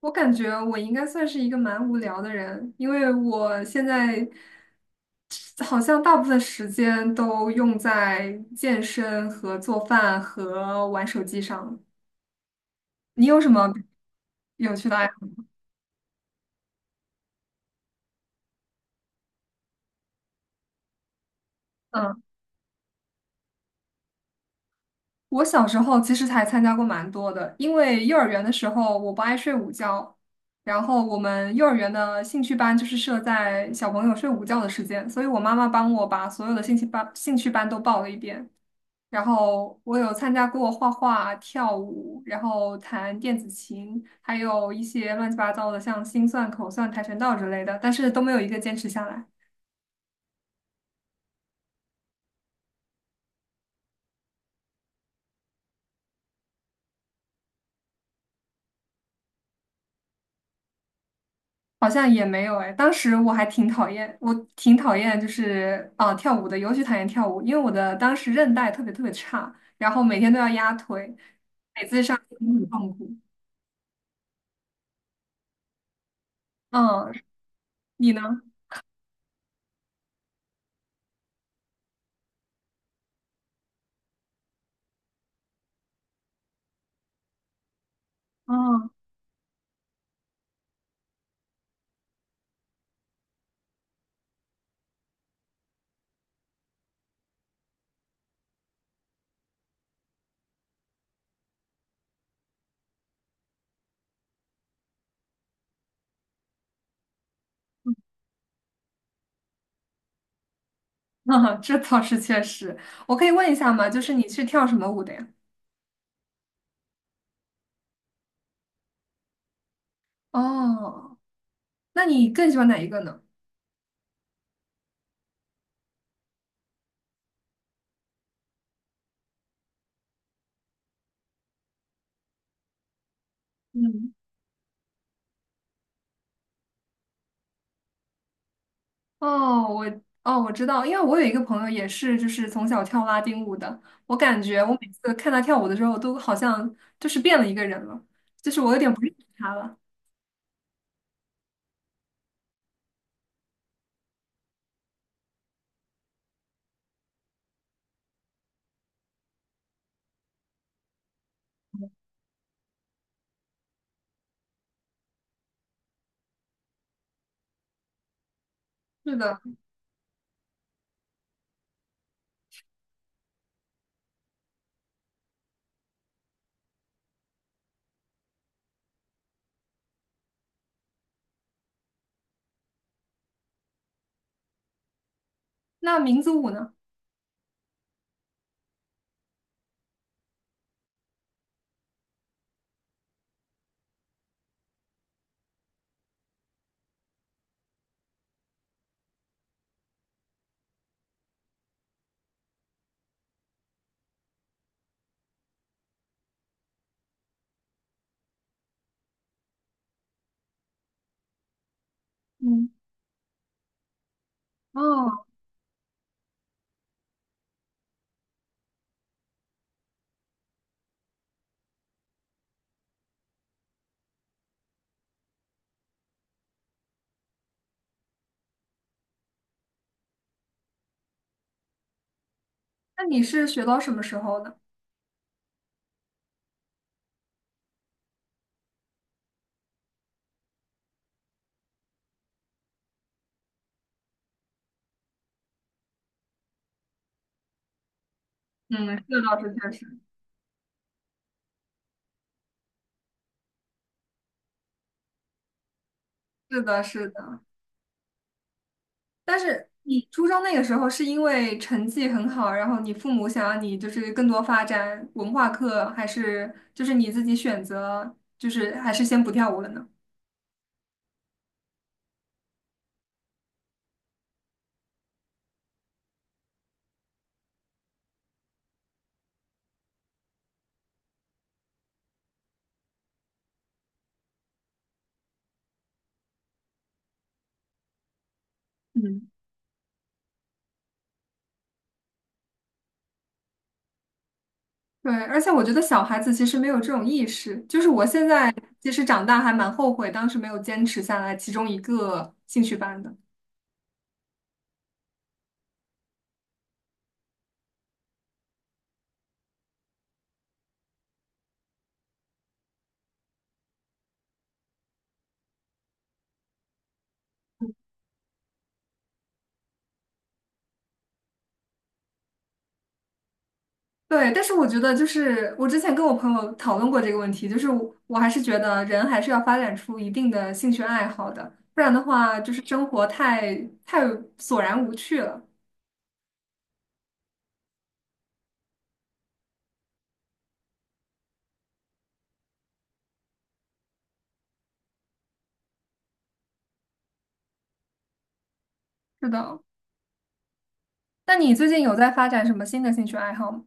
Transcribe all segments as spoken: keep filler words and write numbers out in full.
我感觉我应该算是一个蛮无聊的人，因为我现在好像大部分时间都用在健身和做饭和玩手机上。你有什么有趣的爱好？嗯，我小时候其实还参加过蛮多的，因为幼儿园的时候我不爱睡午觉，然后我们幼儿园的兴趣班就是设在小朋友睡午觉的时间，所以我妈妈帮我把所有的兴趣班兴趣班都报了一遍。然后我有参加过画画、跳舞，然后弹电子琴，还有一些乱七八糟的，像心算、口算、跆拳道之类的，但是都没有一个坚持下来，好像也没有哎。当时我还挺讨厌，我挺讨厌就是啊、跳舞的，尤其讨厌跳舞，因为我的当时韧带特别特别差，然后每天都要压腿，很痛苦。嗯，你呢？嗯，这倒是确实。我可以问一下吗？就是你是跳什么舞的呀？哦，那你更喜欢哪一个呢？嗯，哦，我哦，我知道，因为我有一个朋友也是，就是从小跳拉丁舞的。我感觉我每次看他跳舞的时候，都好像就是变了一个人了，就是我有点不认识他了。是的，那民族舞呢？嗯，哦，那你是学到什么时候呢？嗯，这倒是确实，是的，是的。但是你初中那个时候是因为成绩很好，然后你父母想让你就是更多发展文化课，还是就是你自己选择，就是还是先不跳舞了呢？嗯，对，而且我觉得小孩子其实没有这种意识，就是我现在其实长大还蛮后悔当时没有坚持下来其中一个兴趣班的。对，但是我觉得就是我之前跟我朋友讨论过这个问题，就是我我还是觉得人还是要发展出一定的兴趣爱好的，不然的话就是生活太太索然无趣了。是的，那你最近有在发展什么新的兴趣爱好吗？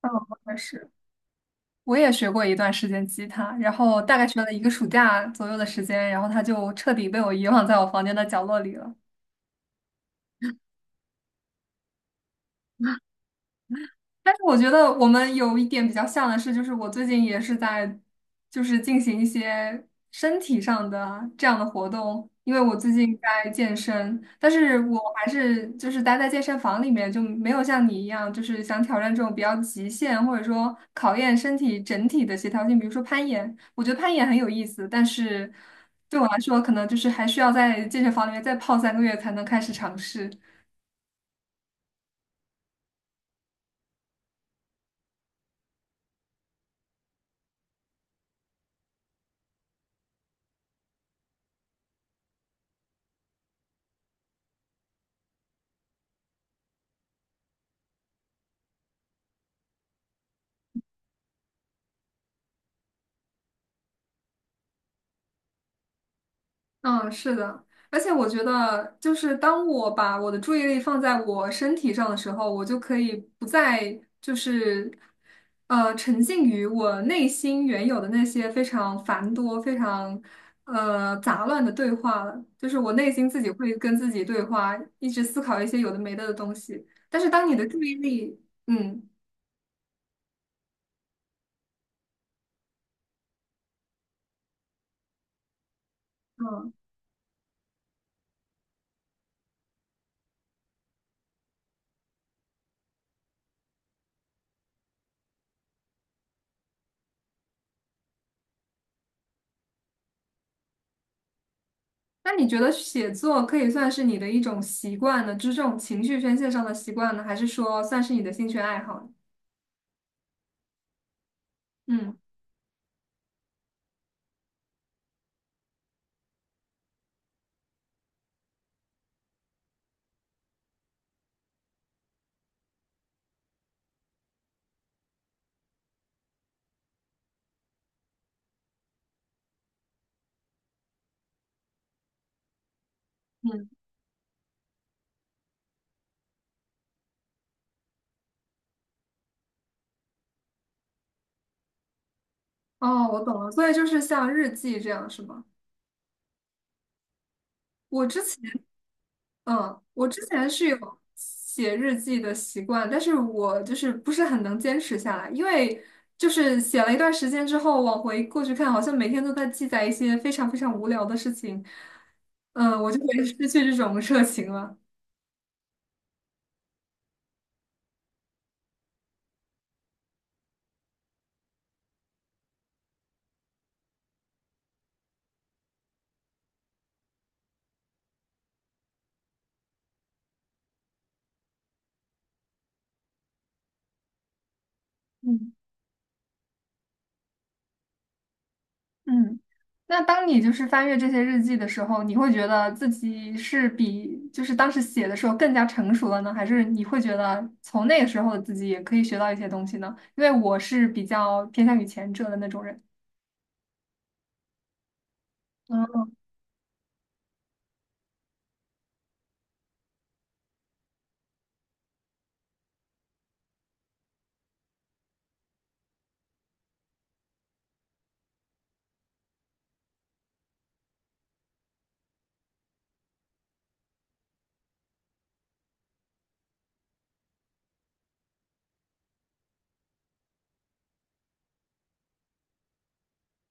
嗯，我也是。我也学过一段时间吉他，然后大概学了一个暑假左右的时间，然后它就彻底被我遗忘在我房间的角落里了。但是我觉得我们有一点比较像的是，就是我最近也是在，就是进行一些身体上的这样的活动，因为我最近在健身，但是我还是就是待在健身房里面，就没有像你一样，就是想挑战这种比较极限，或者说考验身体整体的协调性，比如说攀岩，我觉得攀岩很有意思，但是对我来说，可能就是还需要在健身房里面再泡三个月才能开始尝试。嗯，是的，而且我觉得，就是当我把我的注意力放在我身体上的时候，我就可以不再就是，呃，沉浸于我内心原有的那些非常繁多、非常呃杂乱的对话了。就是我内心自己会跟自己对话，一直思考一些有的没的的东西。但是当你的注意力，嗯。嗯，那你觉得写作可以算是你的一种习惯呢？就是这种情绪宣泄上的习惯呢，还是说算是你的兴趣爱好呢？嗯，嗯，哦，我懂了，所以就是像日记这样是吗？我之前，嗯，我之前是有写日记的习惯，但是我就是不是很能坚持下来，因为就是写了一段时间之后，往回过去看，好像每天都在记载一些非常非常无聊的事情，嗯，我就会失去这种热情了。嗯，嗯，那当你就是翻阅这些日记的时候，你会觉得自己是比就是当时写的时候更加成熟了呢，还是你会觉得从那个时候的自己也可以学到一些东西呢？因为我是比较偏向于前者的那种人，嗯，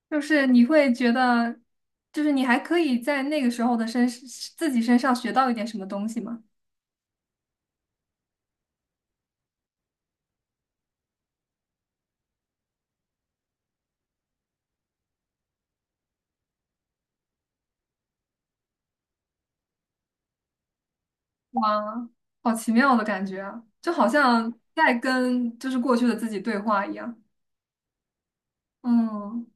就是你会觉得，就是你还可以在那个时候的身自己身上学到一点什么东西吗？哇，好奇妙的感觉啊，就好像在跟就是过去的自己对话一样。嗯。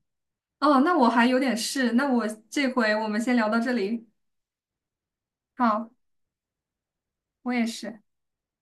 哦，那我还有点事，那我这回我们先聊到这里。好，我也是。